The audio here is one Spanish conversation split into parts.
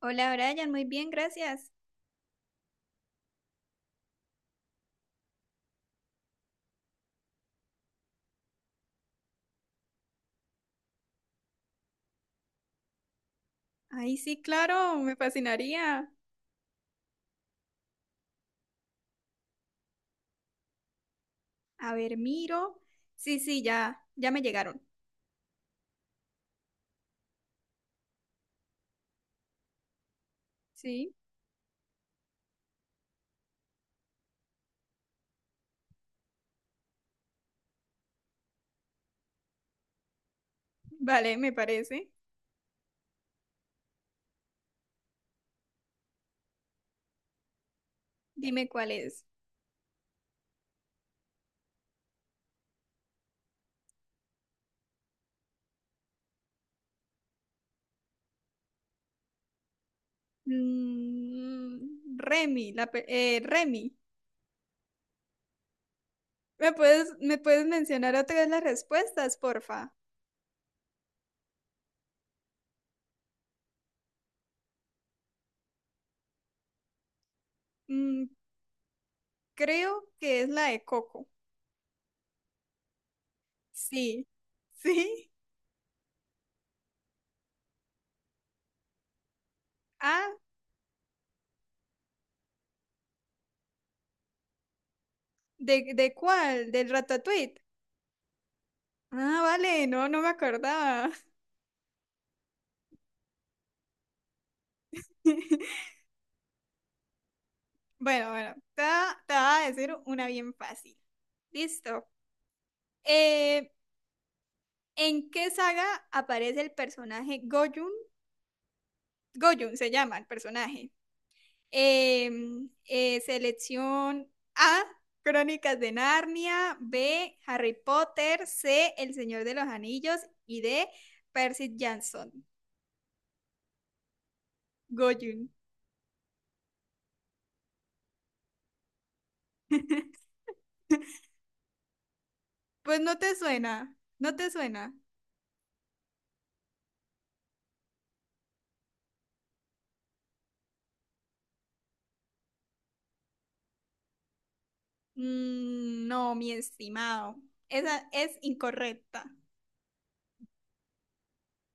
Hola Brian, muy bien, gracias. Ay, sí, claro, me fascinaría. A ver, miro. Sí, sí, ya, ya me llegaron. Sí, vale, me parece. Dime cuál es. Remy, Remy. ¿Me puedes mencionar otra vez las respuestas, porfa? Mm, Creo que es la de Coco. Sí, ¿sí? Ah, ¿de cuál? ¿Del Ratatouille? Ah, vale, no, no me acordaba. Bueno, bueno, te va a decir una bien fácil. Listo. Eh, ¿En qué saga aparece el personaje Goyun? Goyun se llama el personaje. Selección A, Crónicas de Narnia, B, Harry Potter, C, El Señor de los Anillos y D, Percy Jackson. Goyun. Pues no te suena, no te suena. No, mi estimado. Esa es incorrecta.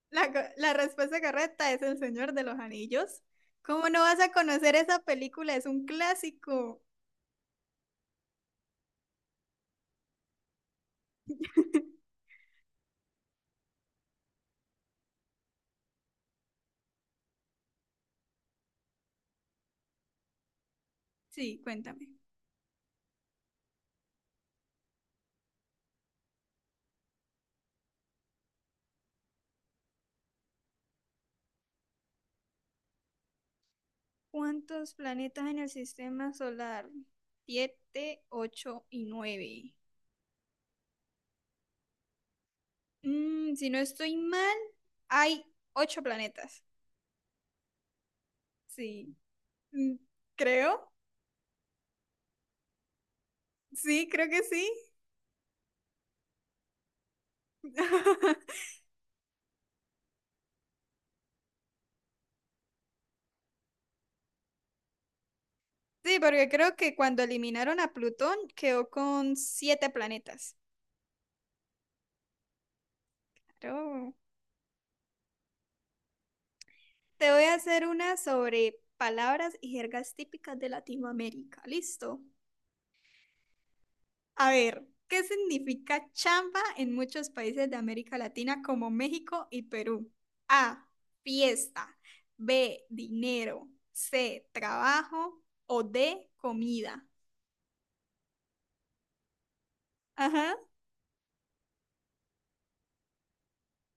La respuesta correcta es El Señor de los Anillos. ¿Cómo no vas a conocer esa película? Es un clásico. Sí, cuéntame. ¿Cuántos planetas en el sistema solar? Siete, ocho y nueve. Si no estoy mal, hay ocho planetas. Sí. Mm, Creo. Sí, creo que sí. Sí, porque creo que cuando eliminaron a Plutón quedó con siete planetas. Claro. Te voy a hacer una sobre palabras y jergas típicas de Latinoamérica. ¿Listo? A ver, ¿qué significa chamba en muchos países de América Latina como México y Perú? A, fiesta. B, dinero. C, trabajo. O D, comida. Ajá.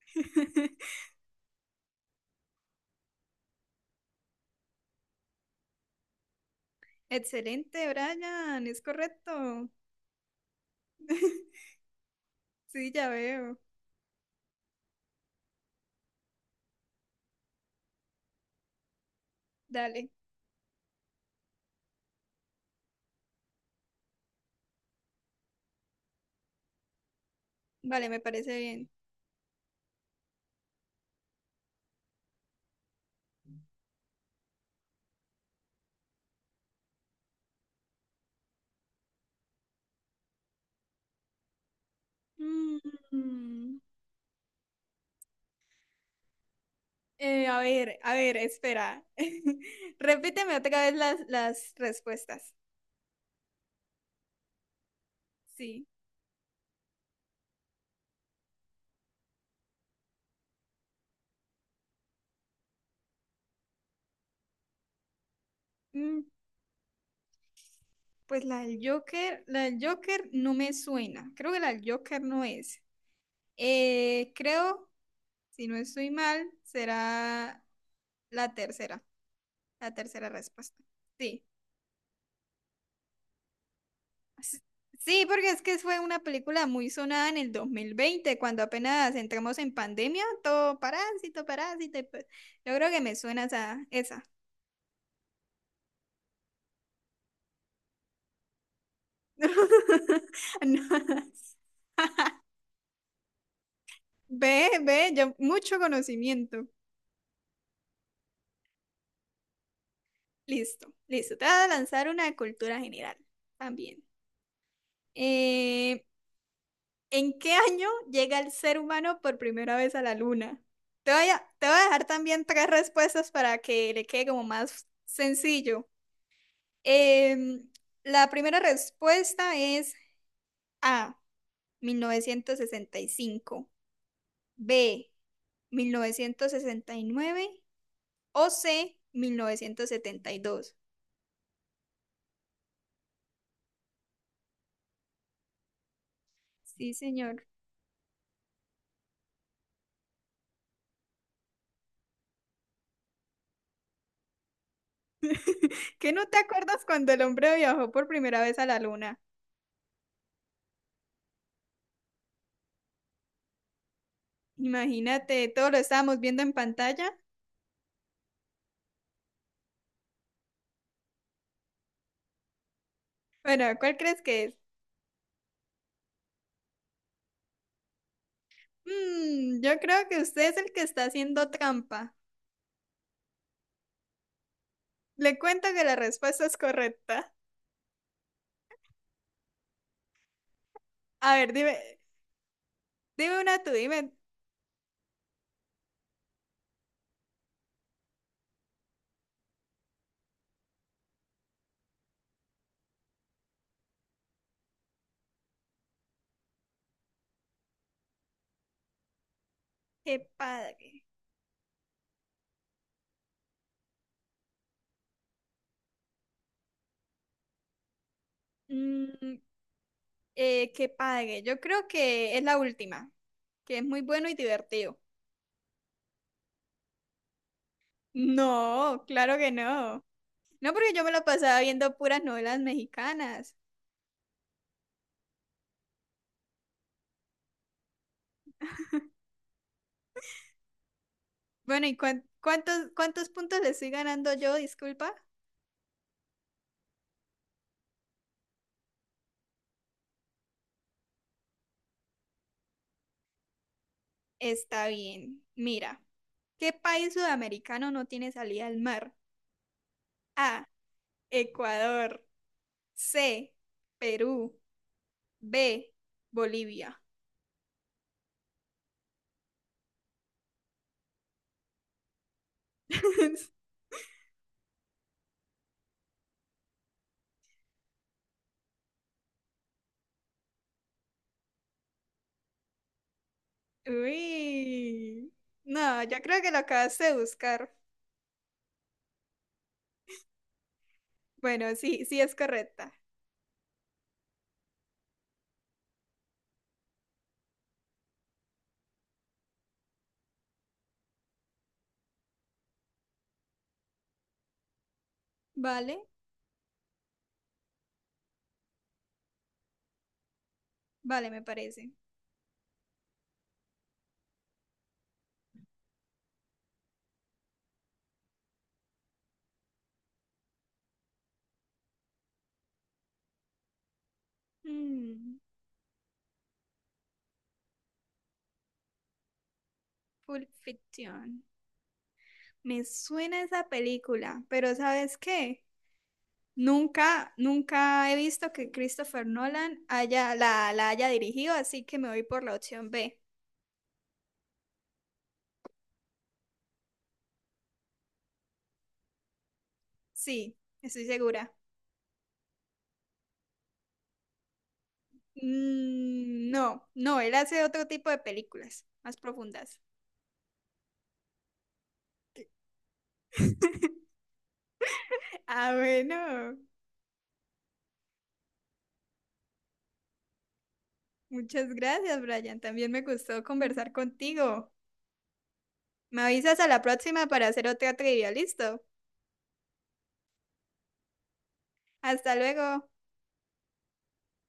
Excelente, Brian. Es correcto. Sí, ya veo. Dale. Vale, me parece bien. Mm. A ver, a ver, espera. Repíteme otra vez las respuestas. Sí. Mm, pues la del Joker no me suena. Creo que la del Joker no es. Creo, si no estoy mal, será la tercera, la tercera respuesta. Sí. S- Sí, porque es que fue una película muy sonada en el 2020, cuando apenas entramos en pandemia, todo parásito, parásito. Y pues, yo creo que me suena esa, esa. No. Ve, ve, ya mucho conocimiento. Listo, listo. Te voy a lanzar una de cultura general también. Eh, ¿En qué año llega el ser humano por primera vez a la luna? Te voy a dejar también tres respuestas para que le quede como más sencillo. Em, la primera respuesta es A, 1965. B, 1969. OC dos. Sí, señor. ¿Qué no te acuerdas cuando el hombre viajó por primera vez a la luna? Imagínate, todo lo estábamos viendo en pantalla. Bueno, ¿cuál crees que es? Yo creo que usted es el que está haciendo trampa. Le cuento que la respuesta es correcta. A ver, dime, dime una tú, dime. Qué padre. Mm, Qué padre. Yo creo que es la última, que es muy bueno y divertido. No, claro que no. No, porque yo me lo pasaba viendo puras novelas mexicanas. Bueno, ¿y cuántos puntos le estoy ganando yo? Disculpa. Está bien. Mira, ¿qué país sudamericano no tiene salida al mar? A, Ecuador. C, Perú. B, Bolivia. Uy. No, yo creo que lo acabaste de buscar. Bueno, sí, sí es correcta. Vale, vale, me parece. Mm, Pulp Fiction. Me suena esa película, pero ¿sabes qué? Nunca, nunca he visto que Christopher Nolan haya, la haya dirigido, así que me voy por la opción B. Sí, estoy segura. No, no, él hace otro tipo de películas, más profundas. Ah, bueno. Muchas gracias, Brian. También me gustó conversar contigo. Me avisas a la próxima para hacer otra trivia, ¿listo? Hasta luego.